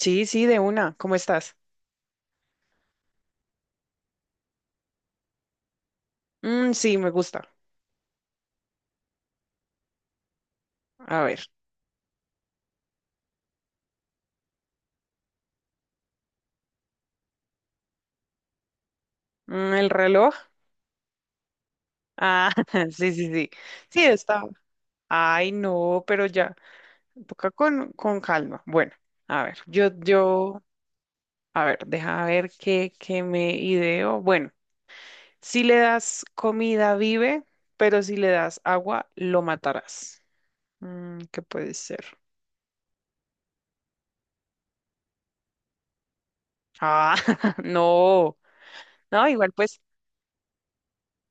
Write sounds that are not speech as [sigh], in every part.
Sí, sí, de una. ¿Cómo estás? Mm, sí, me gusta. A ver. ¿El reloj? Ah, [laughs] sí, sí, sí. Sí, está. Ay, no, pero ya. Toca con calma. Bueno, a ver. A ver, deja ver qué me ideo. Bueno, si le das comida, vive, pero si le das agua, lo matarás. ¿Qué puede ser? Ah, [laughs] no. No, igual pues.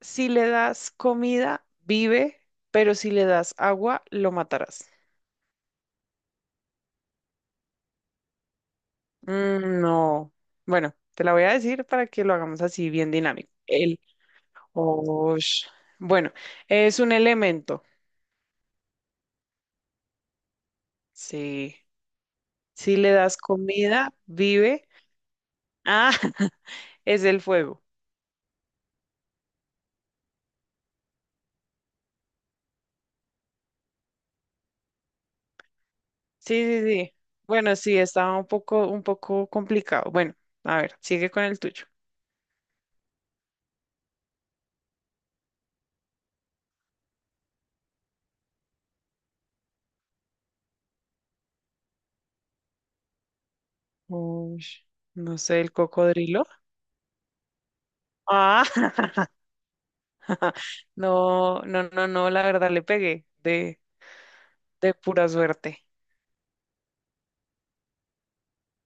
Si le das comida, vive, pero si le das agua, lo matarás. Mm, no. Bueno, te la voy a decir para que lo hagamos así bien dinámico. El Osh. Bueno, es un elemento. Sí. Si le das comida, vive. Ah, [laughs] es el fuego. Sí, sí, sí. Bueno, sí, estaba un poco complicado. Bueno, a ver, sigue con el tuyo. Ush, no sé, el cocodrilo. Ah, [laughs] [laughs] no, no, no, no, la verdad le pegué de pura suerte.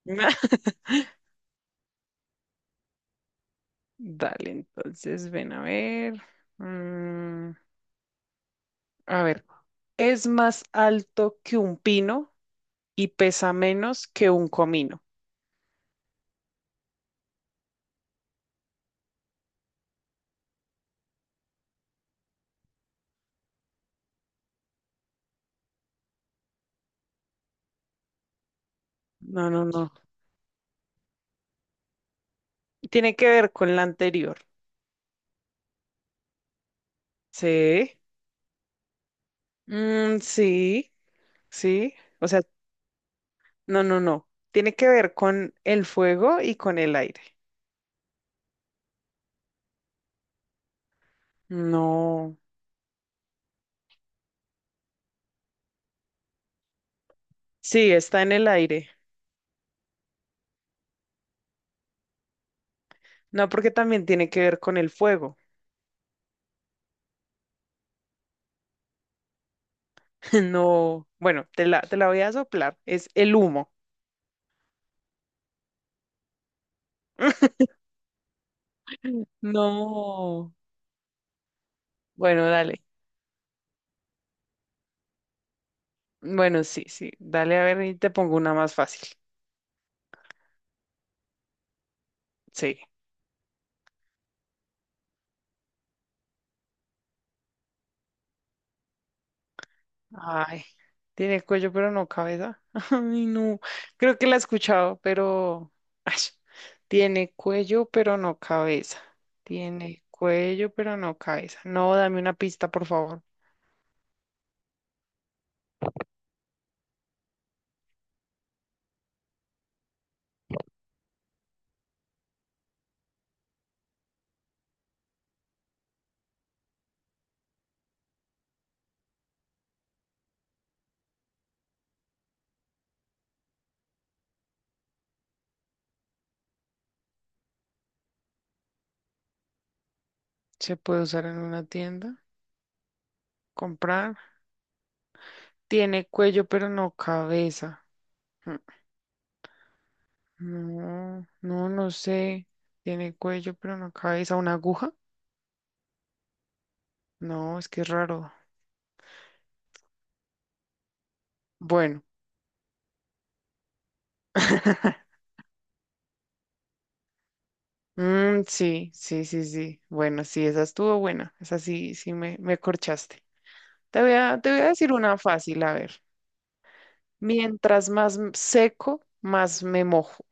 [laughs] Dale, entonces ven a ver. Mm, a ver, es más alto que un pino y pesa menos que un comino. No, no, no. Tiene que ver con la anterior. Sí. Mm, sí, sí. O sea, no, no, no. Tiene que ver con el fuego y con el aire. No. Sí, está en el aire. No, porque también tiene que ver con el fuego. [laughs] No, bueno, te la voy a soplar. Es el humo. [laughs] No. Bueno, dale. Bueno, sí, sí. Dale a ver y te pongo una más fácil. Sí. Ay, tiene cuello pero no cabeza. [laughs] Ay, no. Creo que la he escuchado, pero. [laughs] Ay, tiene cuello pero no cabeza. Tiene cuello pero no cabeza. No, dame una pista, por favor. ¿Se puede usar en una tienda? ¿Comprar? Tiene cuello, pero no cabeza. Mm. No, no, no sé. Tiene cuello, pero no cabeza. ¿Una aguja? No, es que es raro. Bueno. [laughs] Mm, sí, sí, sí, sí. Bueno, sí, esa estuvo buena. Esa sí, sí me corchaste. Te voy a decir una fácil, a ver. Mientras más seco, más me mojo.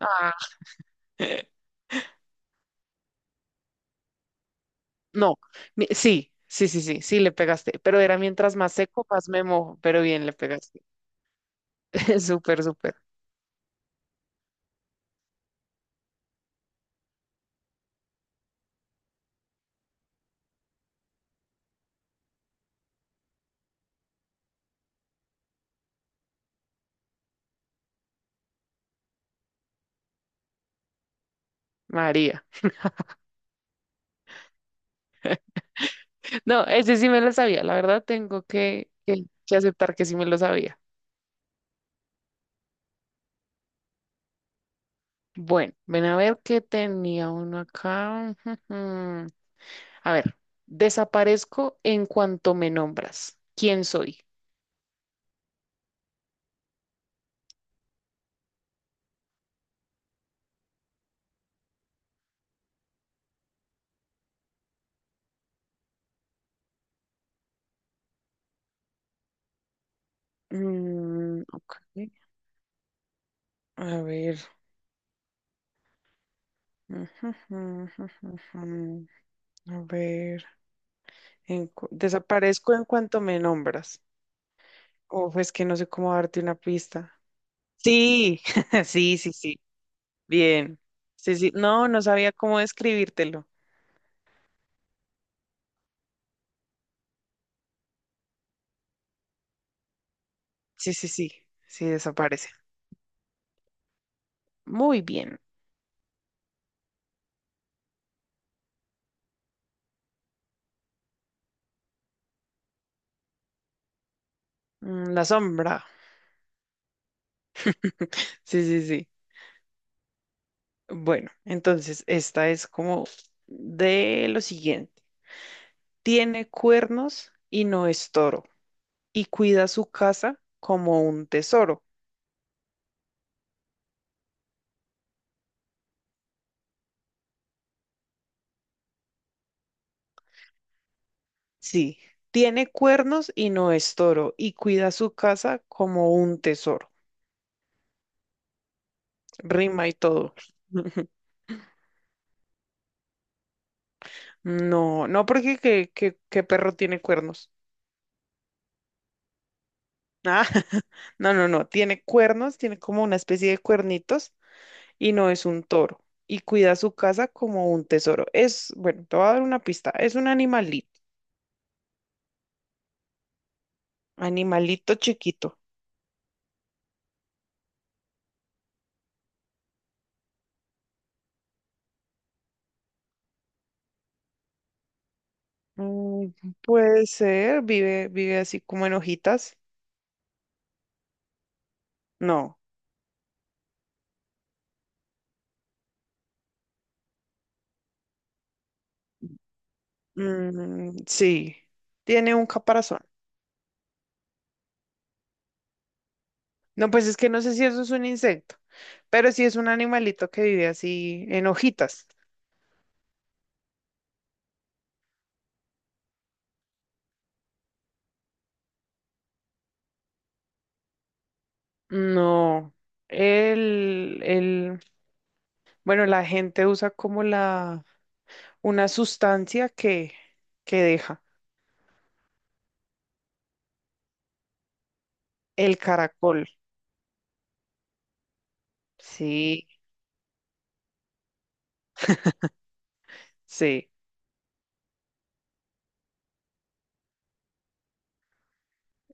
Ah, [laughs] no, sí, sí, sí, sí, sí, le pegaste. Pero era mientras más seco, más me mojo. Pero bien, le pegaste. [laughs] Súper, súper. María. No, ese sí me lo sabía. La verdad tengo que aceptar que sí me lo sabía. Bueno, ven a ver qué tenía uno acá. [laughs] Ujujú. A ver, desaparezco en cuanto me nombras. ¿Quién soy? Mm, ok. A ver. [laughs] Ujujú, ujujujú. A ver. Desaparezco en cuanto me nombras. O es que no sé cómo darte una pista. Sí, [laughs] sí, sí, sí. Bien. Sí, sí. No, no sabía cómo describírtelo. Sí, sí, sí. Sí, desaparece. Muy bien. La sombra. [laughs] Sí, sí, sí. Bueno, entonces esta es como de lo siguiente. Tiene cuernos y no es toro, y cuida su casa como un tesoro. Sí, tiene cuernos y no es toro, y cuida su casa como un tesoro. Rima y todo. [laughs] No, no porque que perro tiene cuernos. Ah, [laughs] no, no, no, tiene cuernos, tiene como una especie de cuernitos y no es un toro. Y cuida su casa como un tesoro. Es, bueno, te voy a dar una pista, es un animalito, animalito chiquito. Mm, puede ser, vive así como en hojitas. No, sí, tiene un caparazón. No, pues es que no sé si eso es un insecto, pero sí es un animalito que vive así en hojitas. No, el, el, bueno, la gente usa como una sustancia que deja el caracol. Sí, sí,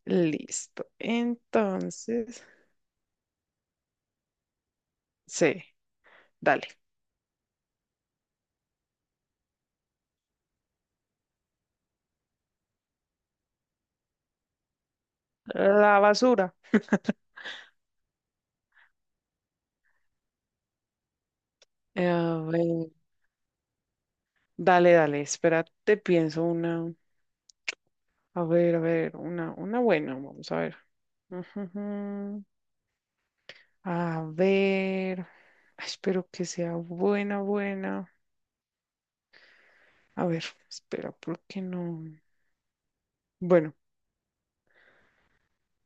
listo. Entonces, sí, dale. La basura. A ver, dale, dale, espérate, pienso una. A ver, una buena, vamos a ver. Ujujú. A ver, ay, espero que sea buena, buena. A ver, espera, ¿por qué no? Bueno.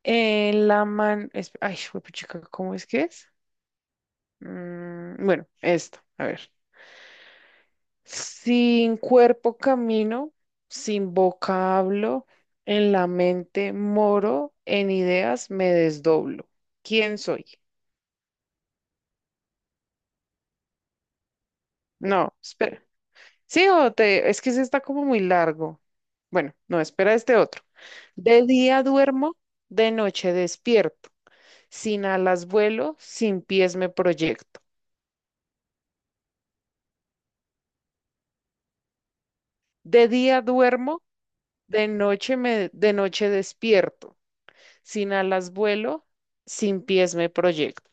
Ay, chica, ¿cómo es que es? Bueno, esto, a ver. Sin cuerpo camino, sin boca hablo, en la mente moro, en ideas me desdoblo. ¿Quién soy? No, espera. Sí, es que ese está como muy largo. Bueno, no, espera este otro. De día duermo, de noche despierto. Sin alas vuelo, sin pies me proyecto. De día duermo. De noche despierto, sin alas vuelo, sin pies me proyecto.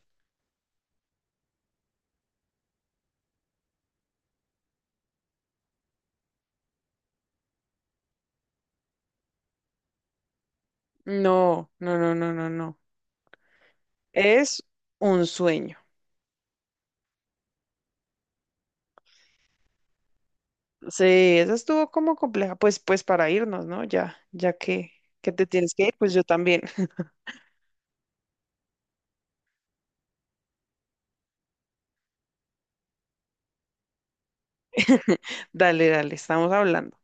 No, no, no, no, no, no. Es un sueño. Sí, esa estuvo como compleja. Pues para irnos, ¿no? Ya, ya que te tienes que ir, pues yo también. [laughs] Dale, dale, estamos hablando.